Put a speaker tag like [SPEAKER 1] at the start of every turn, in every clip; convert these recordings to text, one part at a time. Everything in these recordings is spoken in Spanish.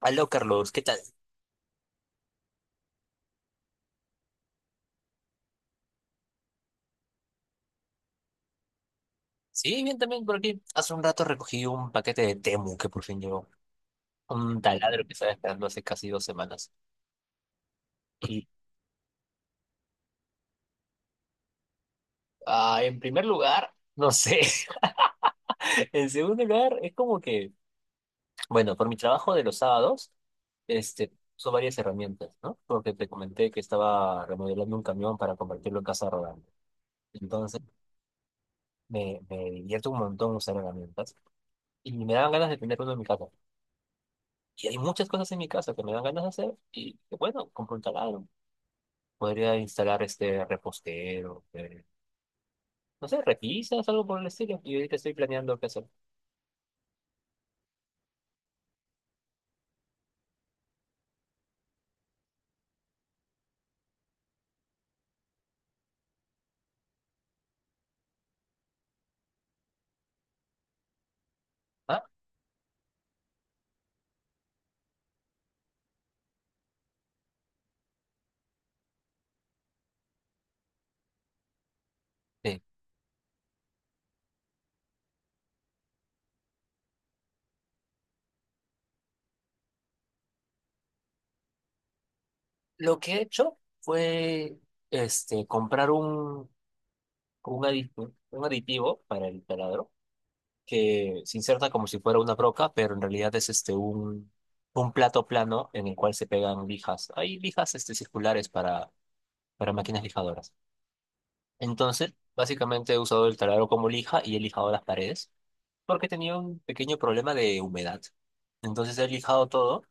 [SPEAKER 1] Aló, Carlos, ¿qué tal? Sí, bien también por aquí. Hace un rato recogí un paquete de Temu que por fin llegó. Un taladro que estaba esperando hace casi 2 semanas. Y en primer lugar, no sé. En segundo lugar, es como que, bueno, por mi trabajo de los sábados, son varias herramientas, ¿no? Porque te comenté que estaba remodelando un camión para convertirlo en casa rodante. Entonces, me divierto un montón usar herramientas. Y me daban ganas de tener uno en mi casa. Y hay muchas cosas en mi casa que me dan ganas de hacer y bueno, compro un taladro. Podría instalar este repostero, no sé, repisas, algo por el estilo. Y ahorita estoy planeando qué hacer. Ah, sí. Lo que he hecho fue comprar un aditivo, un aditivo para el taladro que se inserta como si fuera una broca, pero en realidad es un plato plano en el cual se pegan lijas. Hay lijas circulares para máquinas lijadoras. Entonces, básicamente he usado el taladro como lija y he lijado las paredes porque tenía un pequeño problema de humedad. Entonces he lijado todo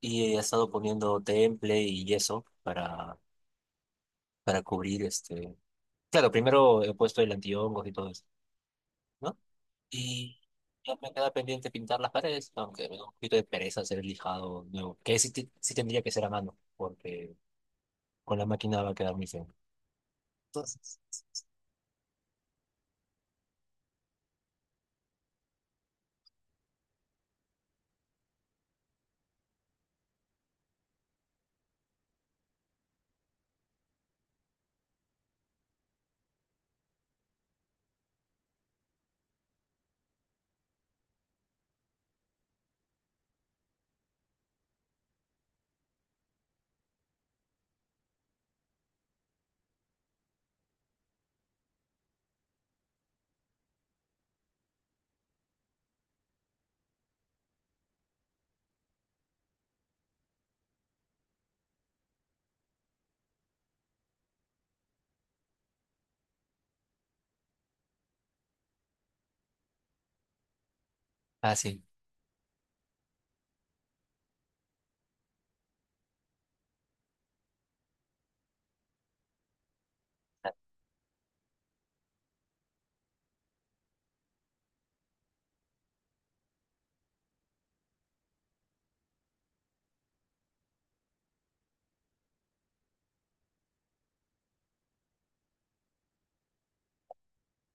[SPEAKER 1] y he estado poniendo temple y yeso para cubrir Claro, primero he puesto el antihongos y todo eso, ¿no? Y ya me queda pendiente pintar las paredes, aunque me da un poquito de pereza hacer el lijado nuevo, que sí, sí tendría que ser a mano porque con la máquina va a quedar muy feo. Entonces, ah, sí.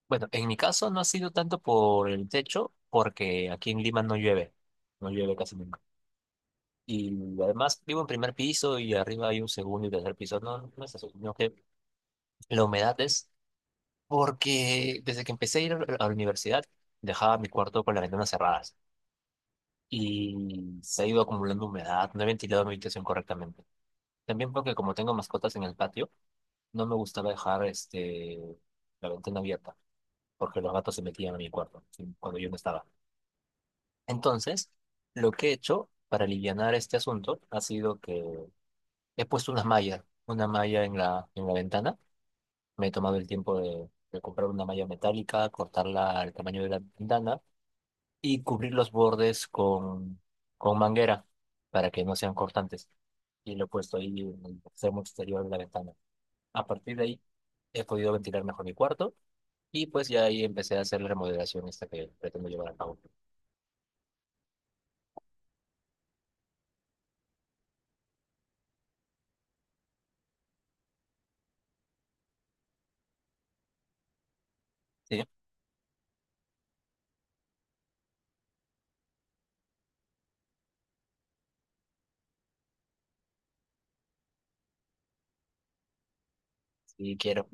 [SPEAKER 1] Bueno, en mi caso no ha sido tanto por el techo, porque aquí en Lima no llueve, no llueve casi nunca. Y además vivo en primer piso y arriba hay un segundo y tercer piso. No, no es eso, sino que la humedad es porque desde que empecé a ir a la universidad dejaba mi cuarto con las ventanas cerradas y se ha ido acumulando humedad, no he ventilado mi habitación correctamente. También porque como tengo mascotas en el patio, no me gustaba dejar la ventana abierta porque los gatos se metían a mi cuarto cuando yo no estaba. Entonces, lo que he hecho para alivianar este asunto ha sido que he puesto una malla en en la ventana. Me he tomado el tiempo de comprar una malla metálica, cortarla al tamaño de la ventana y cubrir los bordes con manguera para que no sean cortantes. Y lo he puesto ahí en el extremo exterior de la ventana. A partir de ahí he podido ventilar mejor mi cuarto y pues ya ahí empecé a hacer la remodelación esta que pretendo llevar a cabo. Sí, sí quiero.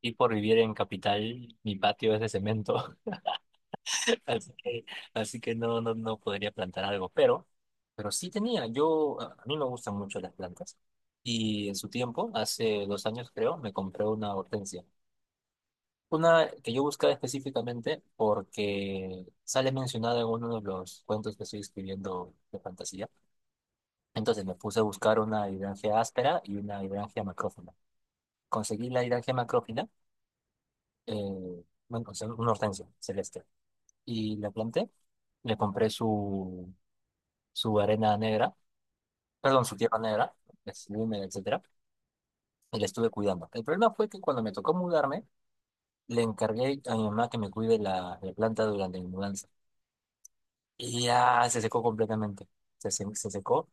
[SPEAKER 1] Y por vivir en capital, mi patio es de cemento, así que, así que no, no, no podría plantar algo, pero sí tenía, yo, a mí me gustan mucho las plantas, y en su tiempo, hace 2 años creo, me compré una hortensia, una que yo buscaba específicamente porque sale mencionada en uno de los cuentos que estoy escribiendo de fantasía, entonces me puse a buscar una hidrangea áspera y una hidrangea macrófila, conseguí la hidrangea macrófila, eh, bueno, o sea, una hortensia celeste. Y la planté. Le compré su arena negra, perdón, su tierra negra, es húmeda, etcétera, y la estuve cuidando. El problema fue que cuando me tocó mudarme, le encargué a mi mamá que me cuide la planta durante mi mudanza. Y ya se secó completamente. Se secó,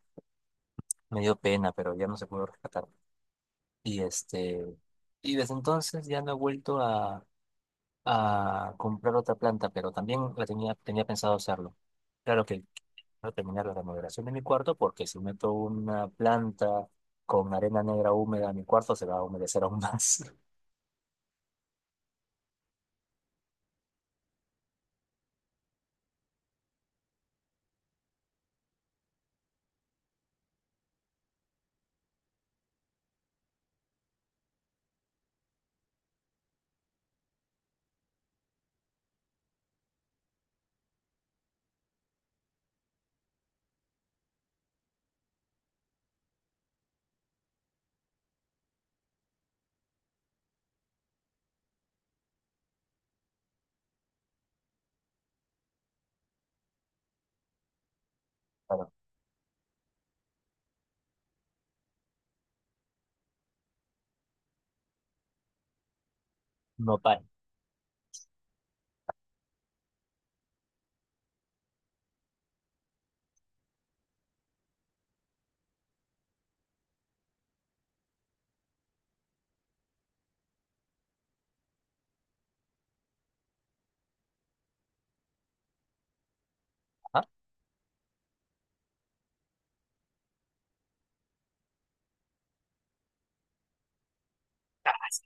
[SPEAKER 1] me dio pena, pero ya no se pudo rescatar. Y y desde entonces ya no he vuelto a comprar otra planta, pero también la tenía, tenía pensado hacerlo. Claro que no terminar la remodelación de mi cuarto porque si meto una planta con arena negra húmeda a mi cuarto se va a humedecer aún más. Bueno, no para. Ajá.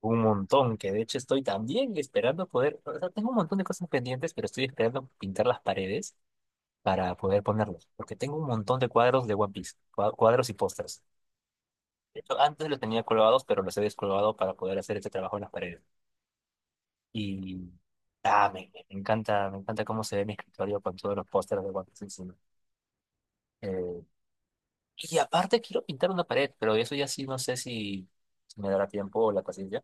[SPEAKER 1] Un montón, que de hecho estoy también esperando poder, o sea, tengo un montón de cosas pendientes, pero estoy esperando pintar las paredes para poder ponerlos, porque tengo un montón de cuadros de One Piece, cuadros y pósters. De hecho, antes los tenía colgados, pero los he descolgado para poder hacer este trabajo en las paredes. Y me encanta cómo se ve mi escritorio con todos los pósters de One Piece encima. Eh, Y aparte quiero pintar una pared, pero eso ya sí no sé si me dará tiempo o la paciencia.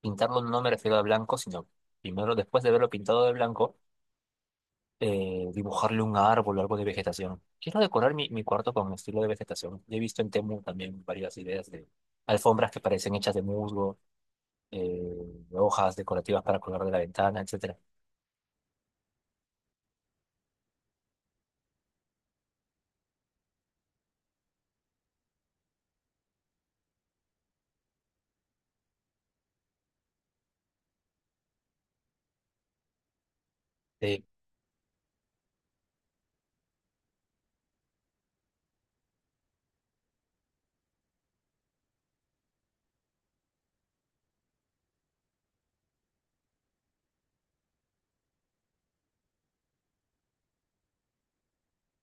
[SPEAKER 1] Pintarlo no me refiero a blanco, sino primero, después de verlo pintado de blanco, dibujarle un árbol o algo de vegetación. Quiero decorar mi cuarto con estilo de vegetación. He visto en Temu también varias ideas de alfombras que parecen hechas de musgo, hojas decorativas para colgar de la ventana, etcétera. Eh,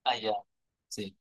[SPEAKER 1] ya, sí.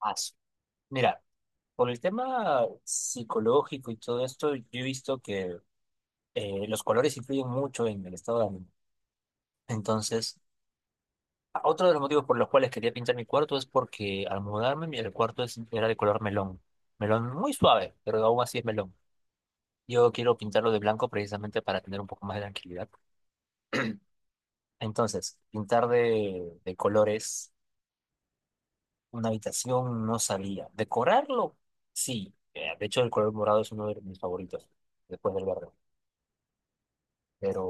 [SPEAKER 1] Ah, su- Mira, por el tema psicológico y todo esto, yo he visto que los colores influyen mucho en el estado de ánimo. Entonces, otro de los motivos por los cuales quería pintar mi cuarto es porque al mudarme el cuarto era de color melón. Melón muy suave, pero aún así es melón. Yo quiero pintarlo de blanco precisamente para tener un poco más de tranquilidad. Entonces, pintar de colores una habitación no salía. Decorarlo, sí. De hecho, el color morado es uno de mis favoritos, después del verde. Pero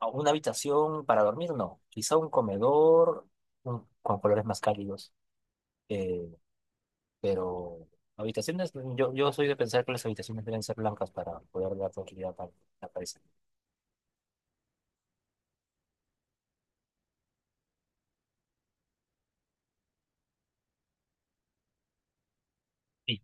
[SPEAKER 1] a una habitación para dormir, no. Quizá un comedor con colores más cálidos. eh, pero habitaciones, yo soy de pensar que las habitaciones deben ser blancas para poder dar tranquilidad a la cabeza. Sí.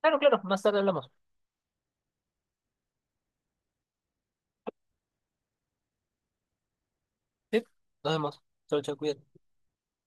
[SPEAKER 1] Claro, claro, más tarde hablamos. Sí, nos vemos. Chau, chau, cuídate.